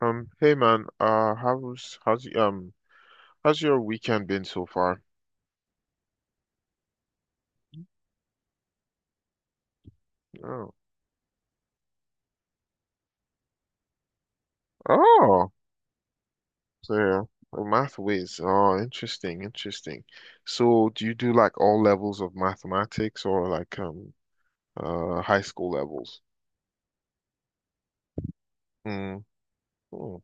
Hey man, how's how's your weekend been so far? Oh, oh, so yeah, oh, math whiz. Oh, interesting, interesting. So, do you do like all levels of mathematics or like high school levels? Mm. Oh,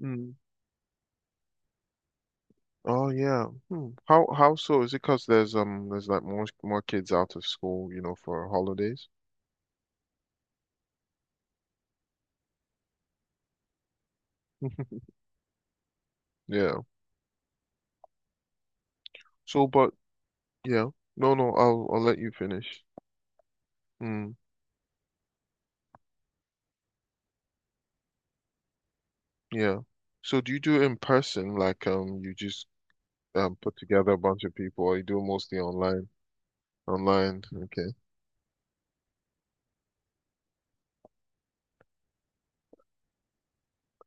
mm. Oh yeah. Hmm. How so? Is it 'cause there's like more kids out of school, you know, for holidays? Yeah. So, but yeah, no, no, I'll let you finish. Hmm. Yeah. So do you do it in person? Like you just put together a bunch of people or you do it mostly online? Online.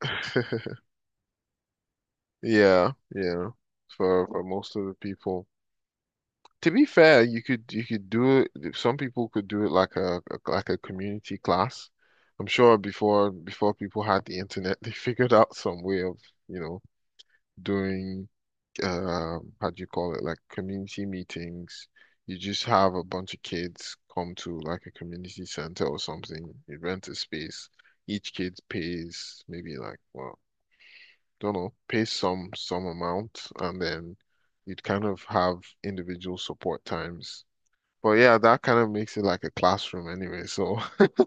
Okay. Yeah, yeah. For most of the people. To be fair, you could do it, some people could do it like a community class. I'm sure before people had the internet, they figured out some way of, you know, doing how do you call it, like community meetings. You just have a bunch of kids come to like a community center or something. You rent a space. Each kid pays maybe like, well, don't know, pays some amount, and then you'd kind of have individual support times. But yeah, that kind of makes it like a classroom anyway. So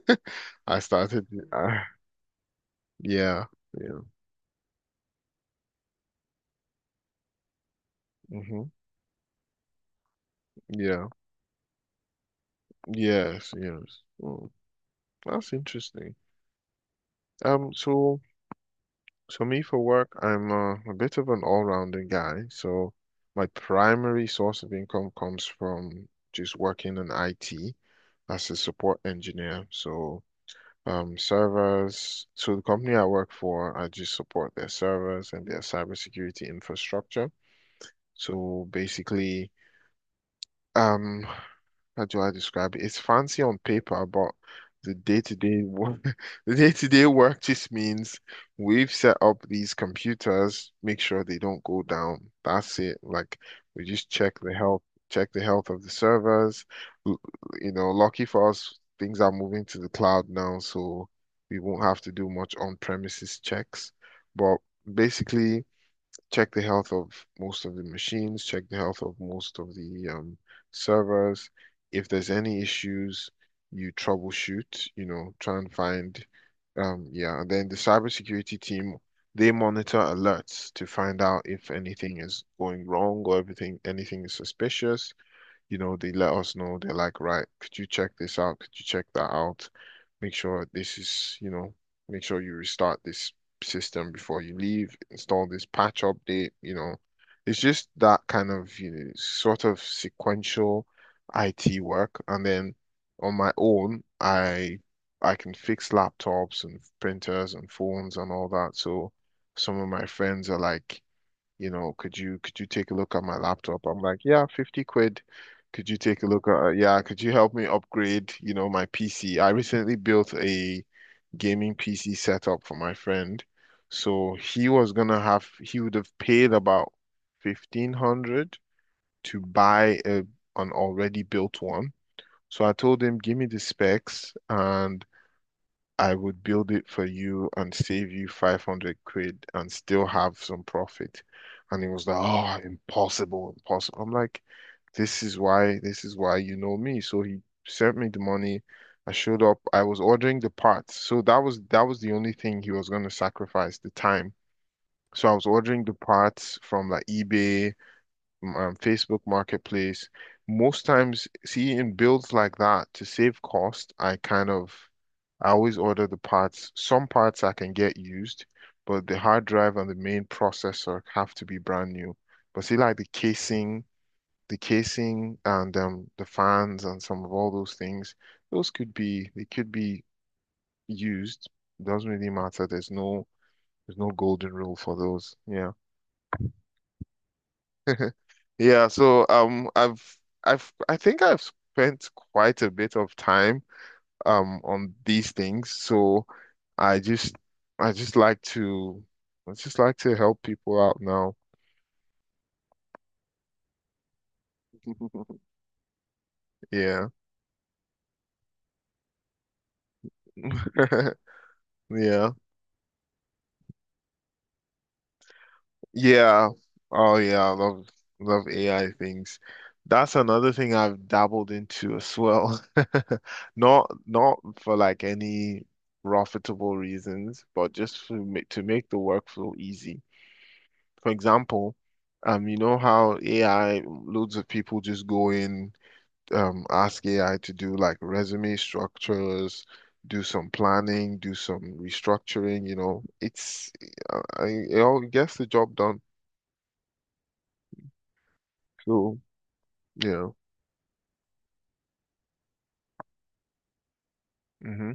I started, uh, yeah, yeah, hmm, yeah, yes, yes. Mm, that's interesting. So so me for work, I'm a bit of an all-rounder guy. So my primary source of income comes from just working in IT as a support engineer. So servers. So the company I work for, I just support their servers and their cybersecurity infrastructure. So basically, um how do I describe it? It's fancy on paper, but the day-to-day work, the day-to-day work just means we've set up these computers, make sure they don't go down. That's it. Like we just check the health of the servers. L- You know, lucky for us, things are moving to the cloud now, so we won't have to do much on-premises checks. But basically, check the health of most of the machines, check the health of most of the servers. If there's any issues, you troubleshoot, you know, try and find, yeah. And then the cybersecurity team, they monitor alerts to find out if anything is going wrong or everything, anything is suspicious, you know, they let us know. They're like, right, could you check this out? Could you check that out? Make sure this is, you know, make sure you restart this system before you leave. Install this patch update, you know. It's just that kind of, you know, sort of sequential IT work. And then on my own, I can fix laptops and printers and phones and all that. So some of my friends are like, you know, could you take a look at my laptop? I'm like, yeah, £50. Could you take a look at, yeah, could you help me upgrade, you know, my PC? I recently built a gaming PC setup for my friend. So he would have paid about 1500 to buy an already built one. So I told him, give me the specs and I would build it for you and save you £500 and still have some profit. And he was like, oh, impossible, impossible. I'm like, this is why you know me. So he sent me the money. I showed up. I was ordering the parts. So that was the only thing he was going to sacrifice, the time. So I was ordering the parts from like eBay, Facebook Marketplace. Most times, see, in builds like that, to save cost, I kind of I always order the parts. Some parts I can get used, but the hard drive and the main processor have to be brand new. But see, like the casing and the fans and some of all those things, those could be they could be used. It doesn't really matter. There's no golden rule for those. Yeah. Yeah, so I've I think I've spent quite a bit of time on these things. So I just I just like to I just like to help people out now. Yeah. Yeah. Yeah. Oh yeah, I love love AI things. That's another thing I've dabbled into as well. Not not for like any profitable reasons, but just to make the workflow easy. For example, you know how AI, loads of people just go in, ask AI to do like resume structures, do some planning, do some restructuring, you know, it's, I, I it all gets the job done. So, yeah. Mm-hmm.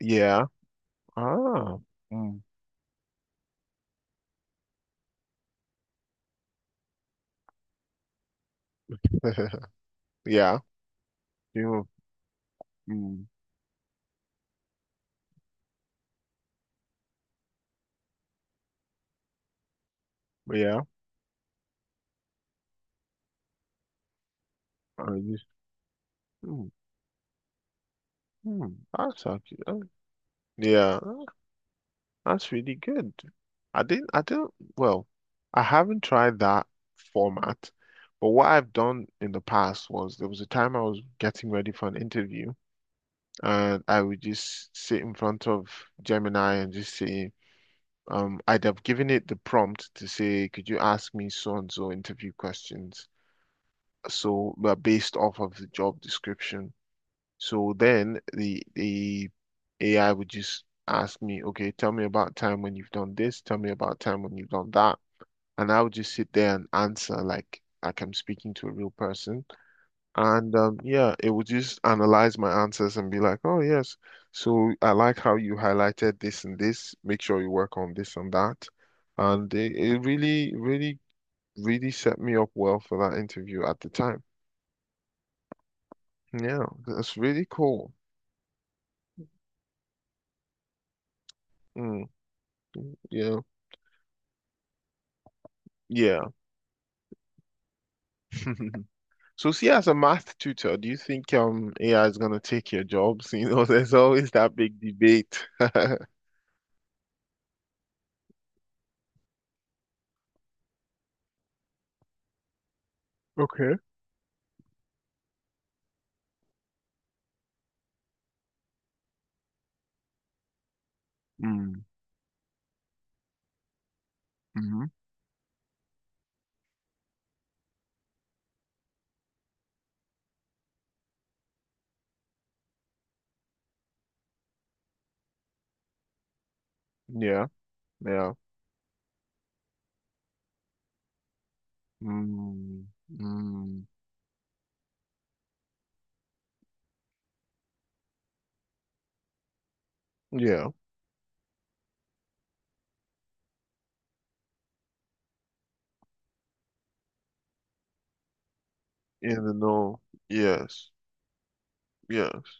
Yeah. Ah. Mm. Yeah. You know, mm. Yeah. I just, mm. Mm. That's actually, yeah. That's really good. I didn't, I don't, well, I haven't tried that format, but what I've done in the past was there was a time I was getting ready for an interview and I would just sit in front of Gemini and just say, I'd have given it the prompt to say, could you ask me so and so interview questions? So, but based off of the job description. So then the AI would just ask me, okay, tell me about time when you've done this, tell me about time when you've done that. And I would just sit there and answer like I'm speaking to a real person. And yeah, it would just analyze my answers and be like, oh yes, so I like how you highlighted this and this. Make sure you work on this and that. And really set me up well for that interview at the time. Yeah, that's really cool. Mm, yeah, yeah. So, see, as a math tutor, do you think AI is gonna take your jobs? You know, there's always that big debate. Okay. Mm, hmm. Yeah, yeah. Mm, mm, yeah. In the know. Yes. Yes.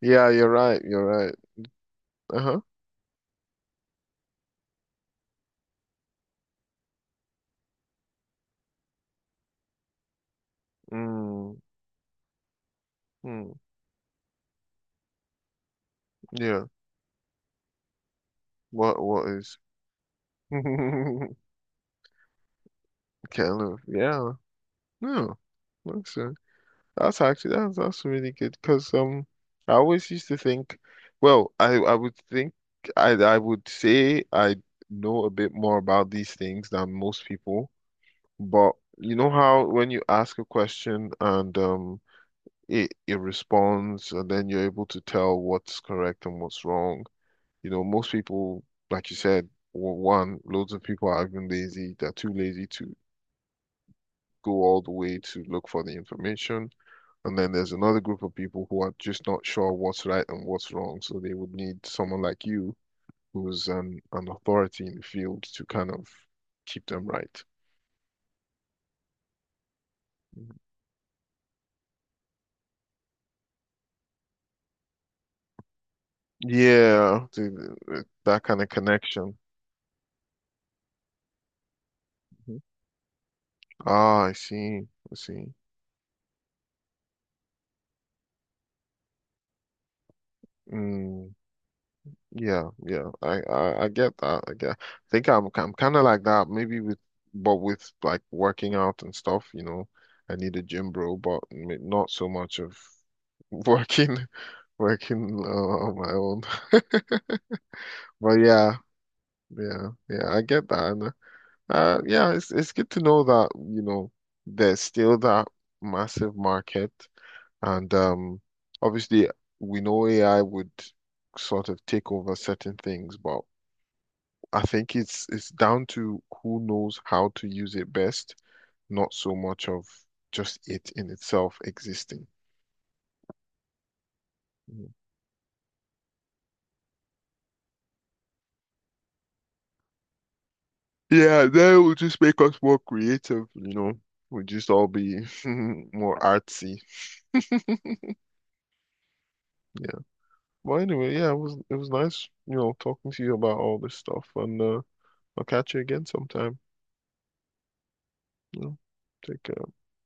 Yeah, you're right. You're right. Uh-huh. Mm, mm, yeah. What is kind of yeah. No. Looks. That's actually, that's really good because I always used to think, well I I would think I would say I know a bit more about these things than most people, but you know how when you ask a question and it it responds and then you're able to tell what's correct and what's wrong, you know, most people, like you said, w- one loads of people are even lazy, they're too lazy to go all the way to look for the information, and then there's another group of people who are just not sure what's right and what's wrong. So they would need someone like you, who's an authority in the field, to kind of keep them right. Yeah, that kind of connection. Mhm. Ah, I see. I see. Mm, yeah, yeah. I get that. I get. I think I'm kind of like that. Maybe with, but with like working out and stuff, you know, I need a gym bro, but not so much of working working on my own. But yeah, yeah, yeah, I get that. And, yeah, it's good to know that, you know, there's still that massive market. And obviously, we know AI would sort of take over certain things, but I think it's down to who knows how to use it best, not so much of just it in itself existing. Mm. Yeah, that will just make us more creative, you know. We'll just all be more artsy. Yeah. Well, anyway, yeah, it was nice, you know, talking to you about all this stuff, and I'll catch you again sometime. You know, take care.